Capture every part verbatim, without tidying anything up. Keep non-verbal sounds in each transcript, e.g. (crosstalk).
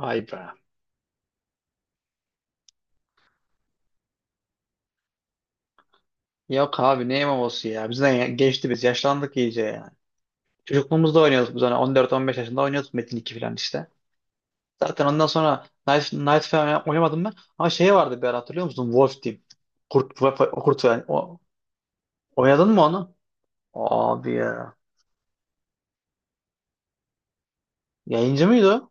Vay be. Yok abi ne M M O'su ya. Bizden ya- geçti biz. Yaşlandık iyice yani. Çocukluğumuzda oynuyorduk biz hani on dört, on beş yaşında oynuyorduk Metin iki falan işte. Zaten ondan sonra Knight, Knight falan oynamadım ben. Ama şey vardı bir ara hatırlıyor musun? Wolf Team. Kurt, kurt yani. O, oynadın mı onu? Abi ya. Yayıncı mıydı o?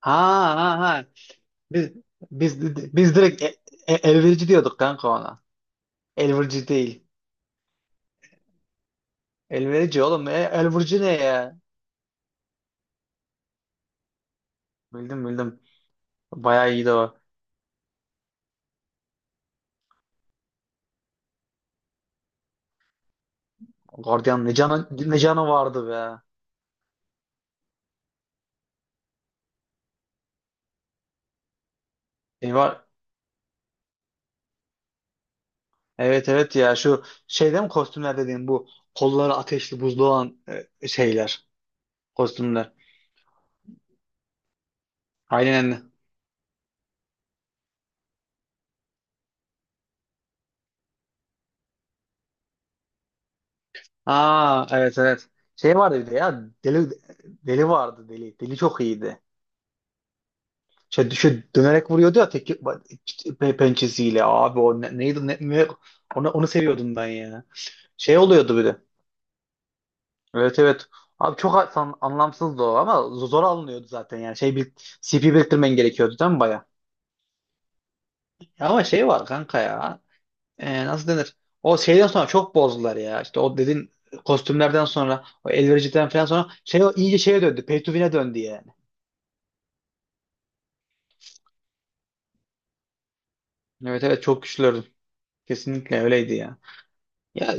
Ha ha ha. Biz biz biz direkt e- e- elverici diyorduk kanka ona. Elverici değil. Elverici oğlum. E- elverici ne ya? Bildim bildim. Bayağı iyiydi o. Guardian ne canı, ne canı vardı be. E var. Evet evet ya şu şeyde mi kostümler dediğim bu kolları ateşli buzlu olan e, şeyler kostümler. Aynen. Aa evet evet. Şey vardı bir de ya deli deli vardı deli. Deli çok iyiydi. Şey, şu dönerek vuruyordu ya tek pe- pençesiyle abi o ne- neydi ne, ne- onu, onu seviyordum ben ya. Şey oluyordu bir de. Evet evet. Abi çok a- san- anlamsızdı o ama z- zor alınıyordu zaten yani. Şey bir C P biriktirmen gerekiyordu değil mi baya? Ya ama şey var kanka ya. Ee, nasıl denir? O şeyden sonra çok bozdular ya. İşte o dediğin kostümlerden sonra o elvericiden falan sonra şey o iyice şeye döndü. Pay to win'e döndü yani. Evet evet çok güçlüydü. Kesinlikle öyleydi ya. Ya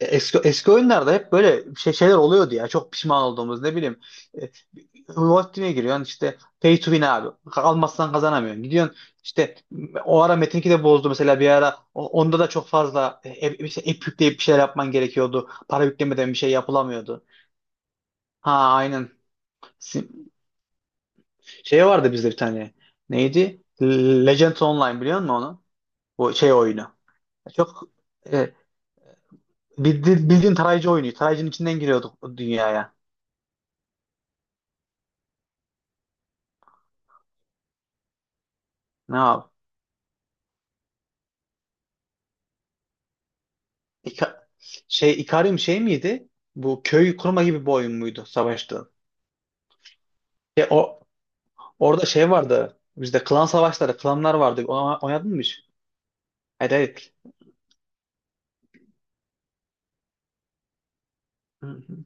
eski, eski oyunlarda hep böyle şey, şeyler oluyordu ya. Çok pişman olduğumuz ne bileyim. e, Wolfteam'e giriyorsun işte pay to win abi. Almazsan kazanamıyorsun. Gidiyorsun işte o ara Metin iki de bozdu mesela bir ara O- onda da çok fazla hep, işte app yükleyip bir şeyler yapman gerekiyordu. Para yüklemeden bir şey yapılamıyordu. Ha aynen. Sim- Şey vardı bizde bir tane. Neydi? Legends Online biliyor musun onu? Bu şey oyunu. Çok e, bildi- bildiğin tarayıcı oyunu. Tarayıcının içinden giriyorduk o dünyaya. Ne yap? İka- Şey Ikarium şey miydi? Bu köy kurma gibi bir oyun muydu savaşta? E, o Orada şey vardı. Bizde klan savaşları, klanlar vardı. Ona, oynadın mı hiç? Hayır, hayır. Hı hı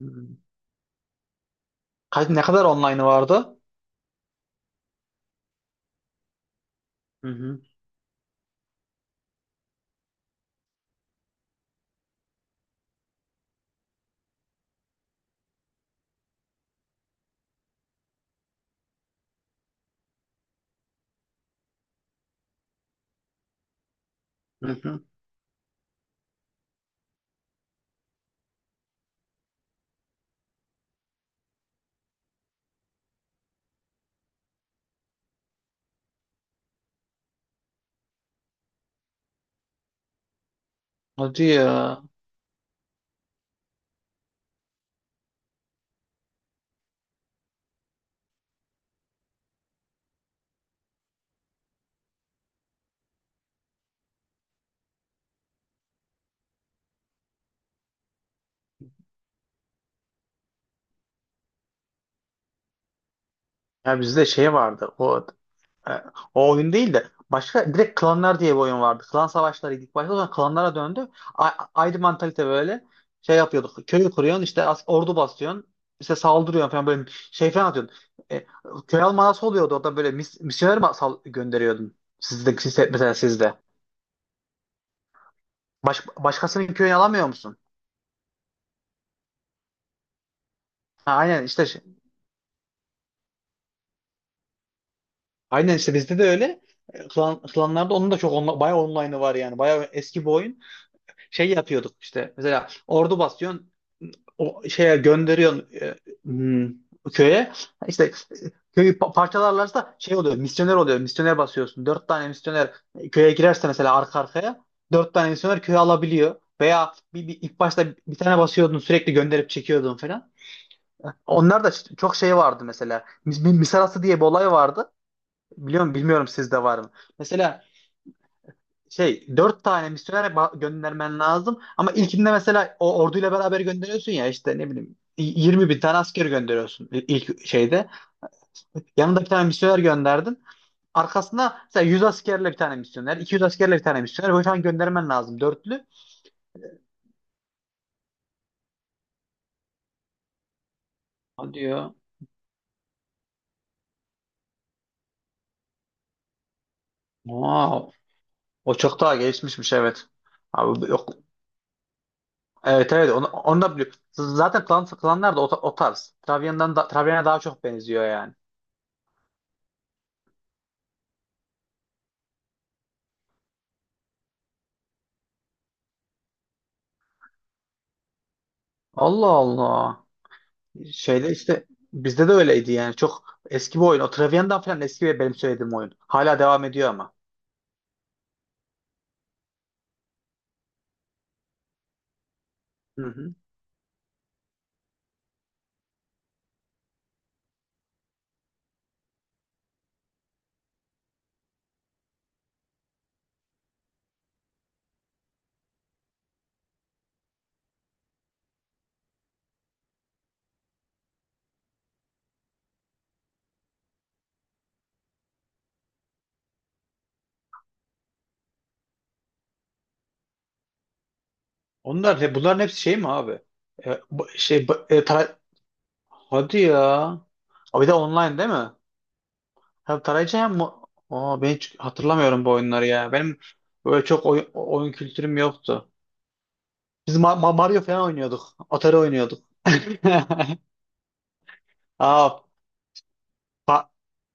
hı. Kaç, ne kadar online'ı vardı? Hı hı. Hı hı. Hadi ya. Ya bizde şey vardı. O E, O oyun değil de başka direkt klanlar diye bir oyun vardı. Klan savaşlarıydı ilk başta sonra klanlara döndü. A- ayrı mantalite böyle şey yapıyorduk. Köyü kuruyorsun işte as- ordu basıyorsun. İşte saldırıyorsun falan böyle şey falan atıyordun. E, Köy almanası oluyordu orada böyle mis misyoner mi sal- gönderiyordun? Sizde, sizde, mesela sizde. Baş- başkasının köyünü alamıyor musun? Ha, aynen işte şey- aynen işte bizde de öyle. E, Klan, klanlarda onun da çok onla- bayağı online'ı var yani. Bayağı eski bir oyun. Şey yapıyorduk işte mesela ordu basıyorsun o şeye gönderiyorsun, e, hmm, köye işte, e, köyü pa- parçalarlarsa şey oluyor, misyoner oluyor, misyoner basıyorsun dört tane misyoner, e, köye girerse mesela arka arkaya dört tane misyoner köyü alabiliyor, veya bir, bir- ilk başta bir tane basıyordun sürekli gönderip çekiyordun falan. Onlar da ç- çok şey vardı mesela mis, misarası diye bir olay vardı, biliyorum bilmiyorum sizde var mı. Mesela şey, dört tane misyoner ba- göndermen lazım. Ama ilkinde mesela o orduyla beraber gönderiyorsun ya işte ne bileyim y- yirmi bin tane asker gönderiyorsun il- ilk şeyde. Yanında bir tane misyoner gönderdin. Arkasına mesela yüz askerle bir tane misyoner, iki yüz askerle bir tane misyoner. Böyle falan göndermen lazım dörtlü. Hadi ya. Wow. O çok daha gelişmişmiş evet. Abi yok. Evet evet, onu, onu da biliyorum. Zaten klan, klanlar da o, ta- o tarz. Travian'dan da, Travian'a daha çok benziyor yani. Allah Allah. Şeyle işte bizde de öyleydi yani. Çok eski bir oyun. O Travian'dan falan eski ve benim söylediğim oyun. Hala devam ediyor ama. Hı hı. Onlar he- bunların hepsi şey mi abi? E, bu- şey bu- e, tara-. Hadi ya. Abi bir de online değil mi? Hem tarayıcı hem mo-. Aa, ben hiç hatırlamıyorum bu oyunları ya. Benim böyle çok oy- oyun kültürüm yoktu. Biz Ma- Ma- Mario falan oynuyorduk. Atari oynuyorduk. (laughs) Aa, fa-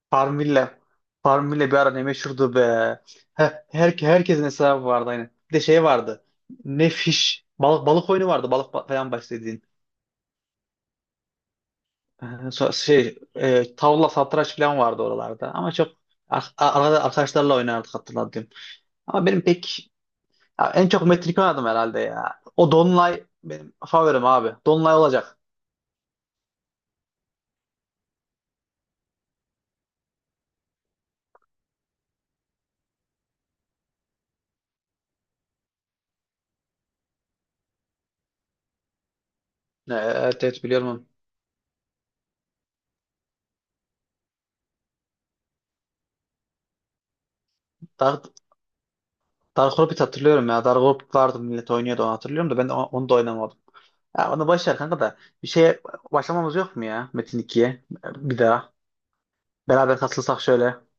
Farmville. Farmville bir ara ne meşhurdu be. He- Her, herkesin hesabı vardı aynı. Bir de şey vardı. Ne fiş. Balık, balık oyunu vardı. Balık ba- falan başladığın. Ee, so- Şey, e, tavla satranç falan vardı oralarda. Ama çok ar- ar- arada arkadaşlarla oynardık, hatırladım. Ama benim pek, ya en çok Metin iki oynadım herhalde ya. O Donlay benim favorim abi. Donlay olacak. Ee, Evet, evet biliyorum. Onu. Dark, Dark Orbit hatırlıyorum ya. Dark Orbit vardı, millet oynuyordu onu hatırlıyorum da, ben de o- onu da oynamadım. Ya onu boş ver kanka da. Bir şeye başlamamız yok mu ya Metin ikiye? Bir daha. Beraber katılsak şöyle.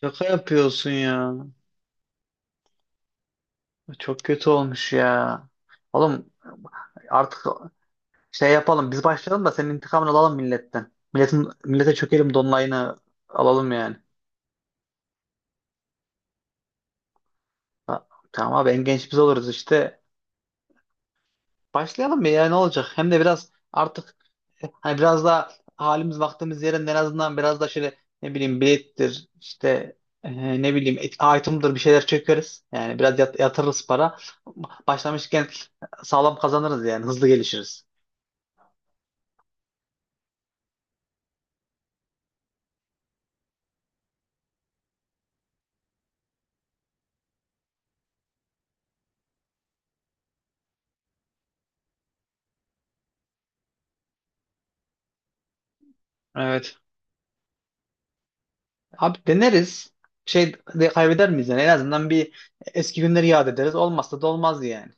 Şaka yapıyorsun ya. Çok kötü olmuş ya. Oğlum artık şey yapalım. Biz başlayalım da senin intikamını alalım milletten. Milletin, millete çökelim, donlayını alalım yani. Ha, tamam abi, en genç biz oluruz işte. Başlayalım mı ya, ne olacak? Hem de biraz artık, e, hani biraz daha halimiz vaktimiz yerinde, en azından biraz da şöyle ne bileyim bilettir işte, e, ne bileyim et- item'dır bir şeyler çökeriz. Yani biraz yat- yatırırız para. Başlamışken sağlam kazanırız yani, hızlı gelişiriz. Evet. Abi deneriz. Şey de kaybeder miyiz yani? En azından bir eski günleri yad ederiz. Olmazsa da olmaz yani.